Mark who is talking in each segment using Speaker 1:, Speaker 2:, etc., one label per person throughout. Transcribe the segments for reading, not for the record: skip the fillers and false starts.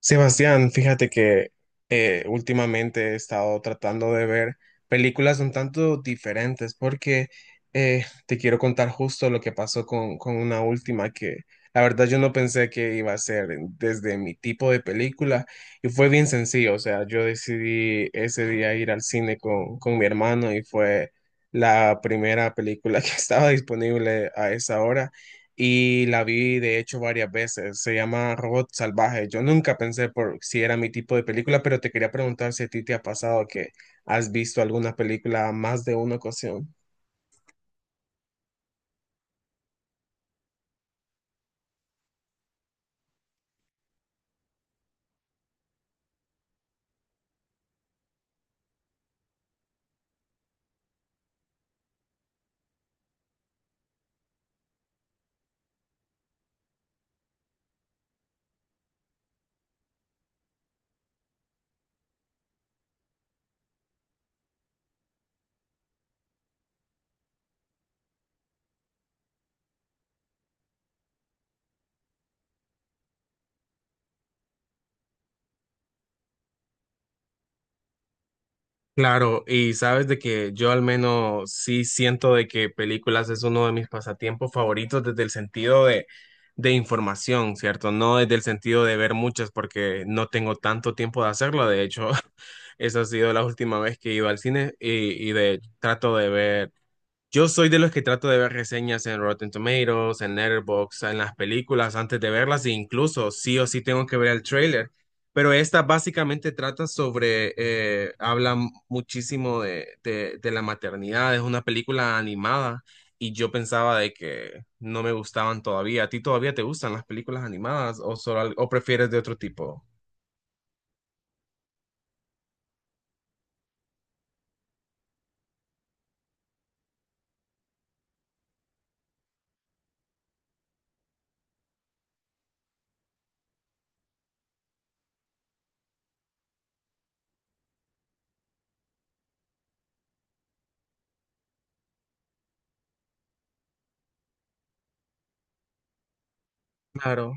Speaker 1: Sebastián, fíjate que últimamente he estado tratando de ver películas un tanto diferentes porque te quiero contar justo lo que pasó con una última que la verdad yo no pensé que iba a ser desde mi tipo de película. Y fue bien sencillo, o sea, yo decidí ese día ir al cine con mi hermano y fue la primera película que estaba disponible a esa hora, y la vi de hecho varias veces. Se llama Robot Salvaje. Yo nunca pensé por si era mi tipo de película, pero te quería preguntar si a ti te ha pasado que has visto alguna película más de una ocasión. Claro, y sabes de que yo al menos sí siento de que películas es uno de mis pasatiempos favoritos desde el sentido de información, ¿cierto? No desde el sentido de ver muchas porque no tengo tanto tiempo de hacerlo. De hecho, esa ha sido la última vez que he ido al cine y de, trato de ver. Yo soy de los que trato de ver reseñas en Rotten Tomatoes, en Letterboxd, en las películas antes de verlas e incluso sí o sí tengo que ver el tráiler. Pero esta básicamente trata sobre, habla muchísimo de la maternidad. Es una película animada y yo pensaba de que no me gustaban todavía. ¿A ti todavía te gustan las películas animadas o, solo, o prefieres de otro tipo? Claro.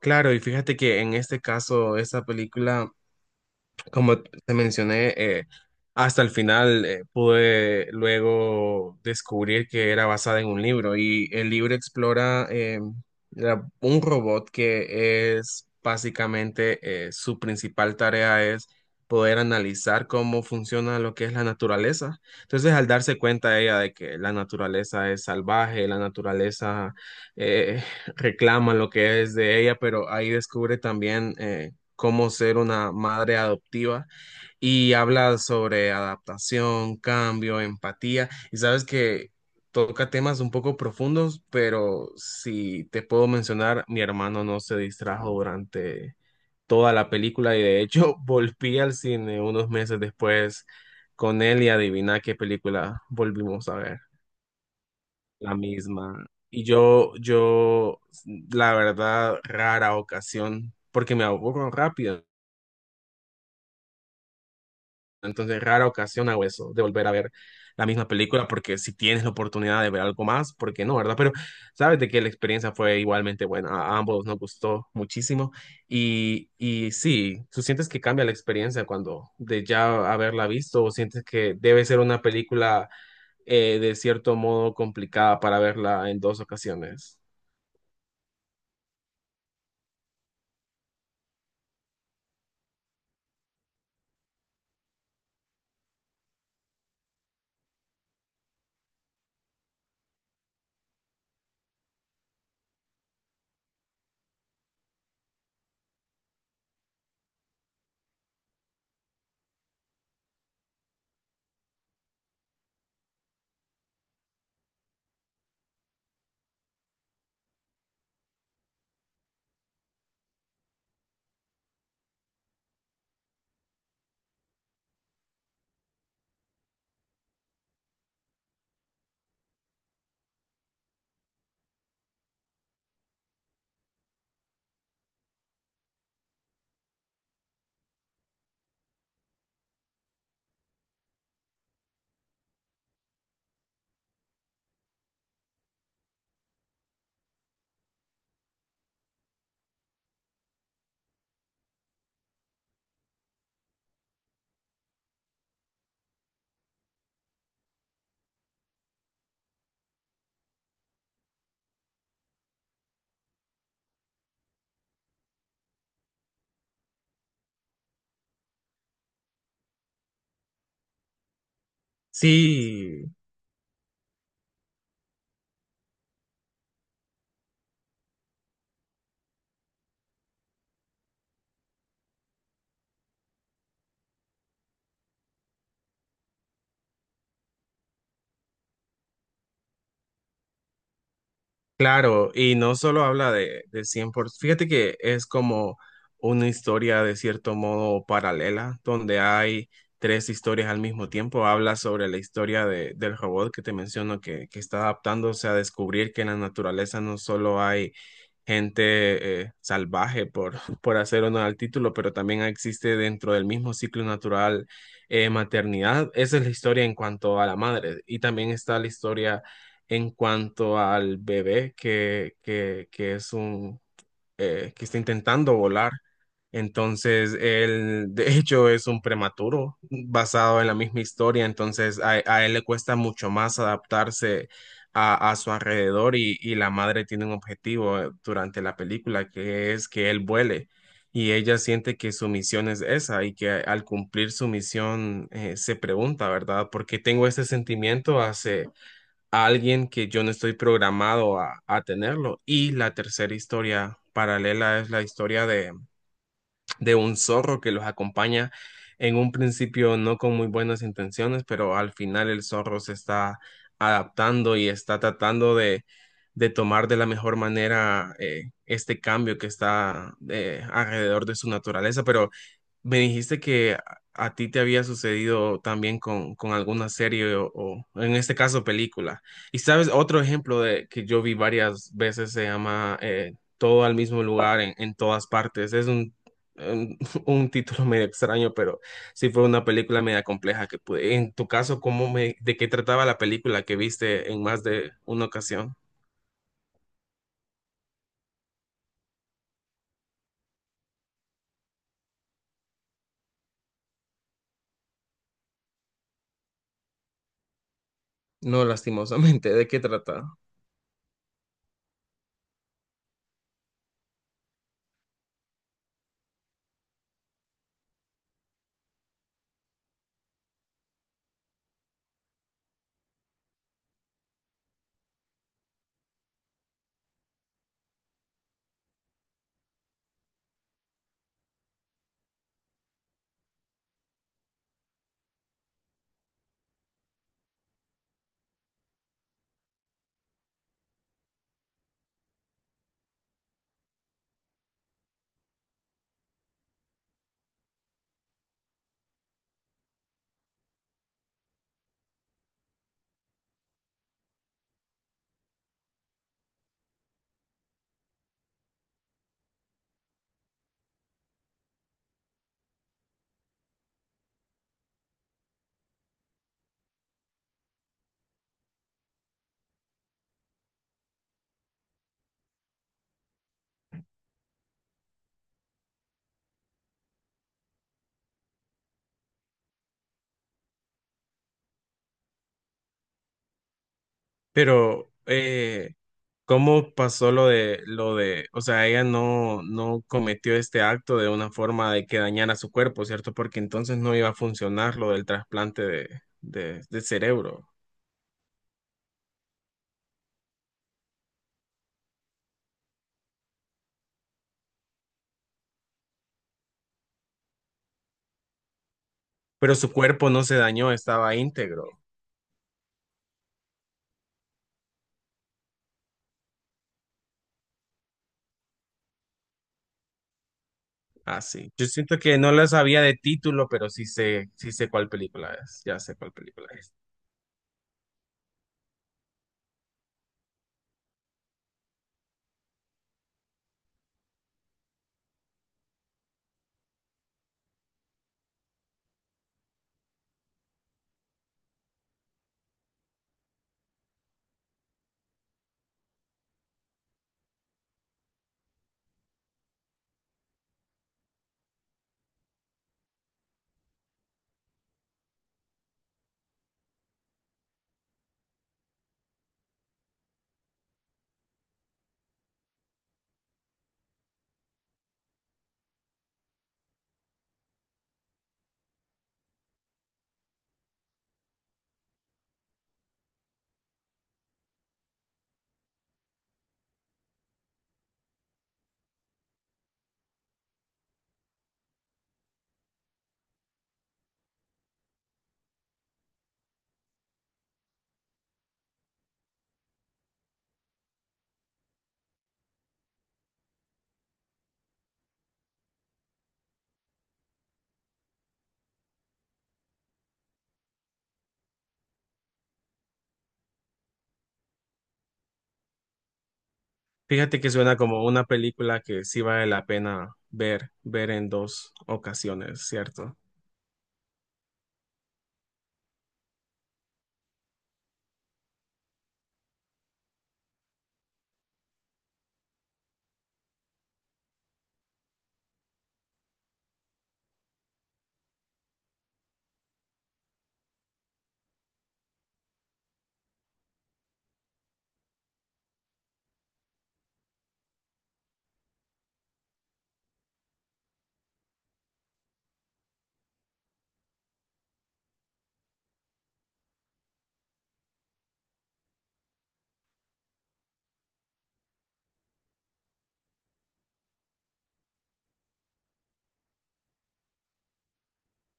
Speaker 1: Claro, y fíjate que en este caso, esta película... Como te mencioné, hasta el final pude luego descubrir que era basada en un libro, y el libro explora, un robot que es básicamente, su principal tarea es poder analizar cómo funciona lo que es la naturaleza. Entonces, al darse cuenta ella de que la naturaleza es salvaje, la naturaleza eh, reclama lo que es de ella, pero ahí descubre también cómo ser una madre adoptiva, y habla sobre adaptación, cambio, empatía, y sabes que toca temas un poco profundos. Pero si te puedo mencionar, mi hermano no se distrajo durante toda la película, y de hecho volví al cine unos meses después con él y adivina qué película volvimos a ver. La misma. Y yo, la verdad, rara ocasión, porque me aburro rápido, entonces rara ocasión hago eso, de volver a ver la misma película, porque si tienes la oportunidad de ver algo más, ¿por qué no, verdad? Pero sabes de que la experiencia fue igualmente buena, a ambos nos gustó muchísimo, y sí, tú sientes que cambia la experiencia cuando de ya haberla visto, o sientes que debe ser una película de cierto modo complicada para verla en dos ocasiones. Sí, claro, y no solo habla de 100%, fíjate que es como una historia de cierto modo paralela, donde hay tres historias al mismo tiempo. Habla sobre la historia del robot que te menciono, que está adaptándose a descubrir que en la naturaleza no solo hay gente salvaje, por, por hacer honor al título, pero también existe dentro del mismo ciclo natural maternidad. Esa es la historia en cuanto a la madre, y también está la historia en cuanto al bebé que es un que está intentando volar. Entonces, él de hecho es un prematuro basado en la misma historia. Entonces, a él le cuesta mucho más adaptarse a su alrededor, y la madre tiene un objetivo durante la película, que es que él vuele. Y ella siente que su misión es esa, y que al cumplir su misión se pregunta, ¿verdad? ¿Por qué tengo este sentimiento hace a alguien que yo no estoy programado a tenerlo? Y la tercera historia paralela es la historia de un zorro que los acompaña, en un principio no con muy buenas intenciones, pero al final el zorro se está adaptando y está tratando de tomar de la mejor manera este cambio que está alrededor de su naturaleza. Pero me dijiste que a ti te había sucedido también con alguna serie o, en este caso película. Y sabes, otro ejemplo de que yo vi varias veces se llama Todo al mismo lugar en todas partes. Es un, un título medio extraño, pero sí, fue una película media compleja que pude. En tu caso, ¿cómo me, de qué trataba la película que viste en más de una ocasión? No, lastimosamente, ¿de qué trata? Pero, ¿cómo pasó lo de, o sea, ella no no cometió este acto de una forma de que dañara su cuerpo, ¿cierto? Porque entonces no iba a funcionar lo del trasplante de cerebro. Pero su cuerpo no se dañó, estaba íntegro. Así. Yo siento que no lo sabía de título, pero sí sé cuál película es. Ya sé cuál película es. Fíjate que suena como una película que sí vale la pena ver, ver en dos ocasiones, ¿cierto?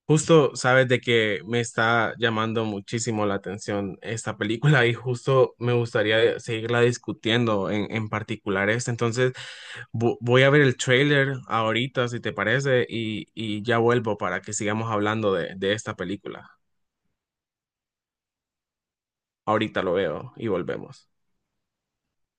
Speaker 1: Justo sabes de que me está llamando muchísimo la atención esta película, y justo me gustaría seguirla discutiendo en particular esta. Entonces voy a ver el trailer ahorita, si te parece, y ya vuelvo para que sigamos hablando de esta película. Ahorita lo veo y volvemos.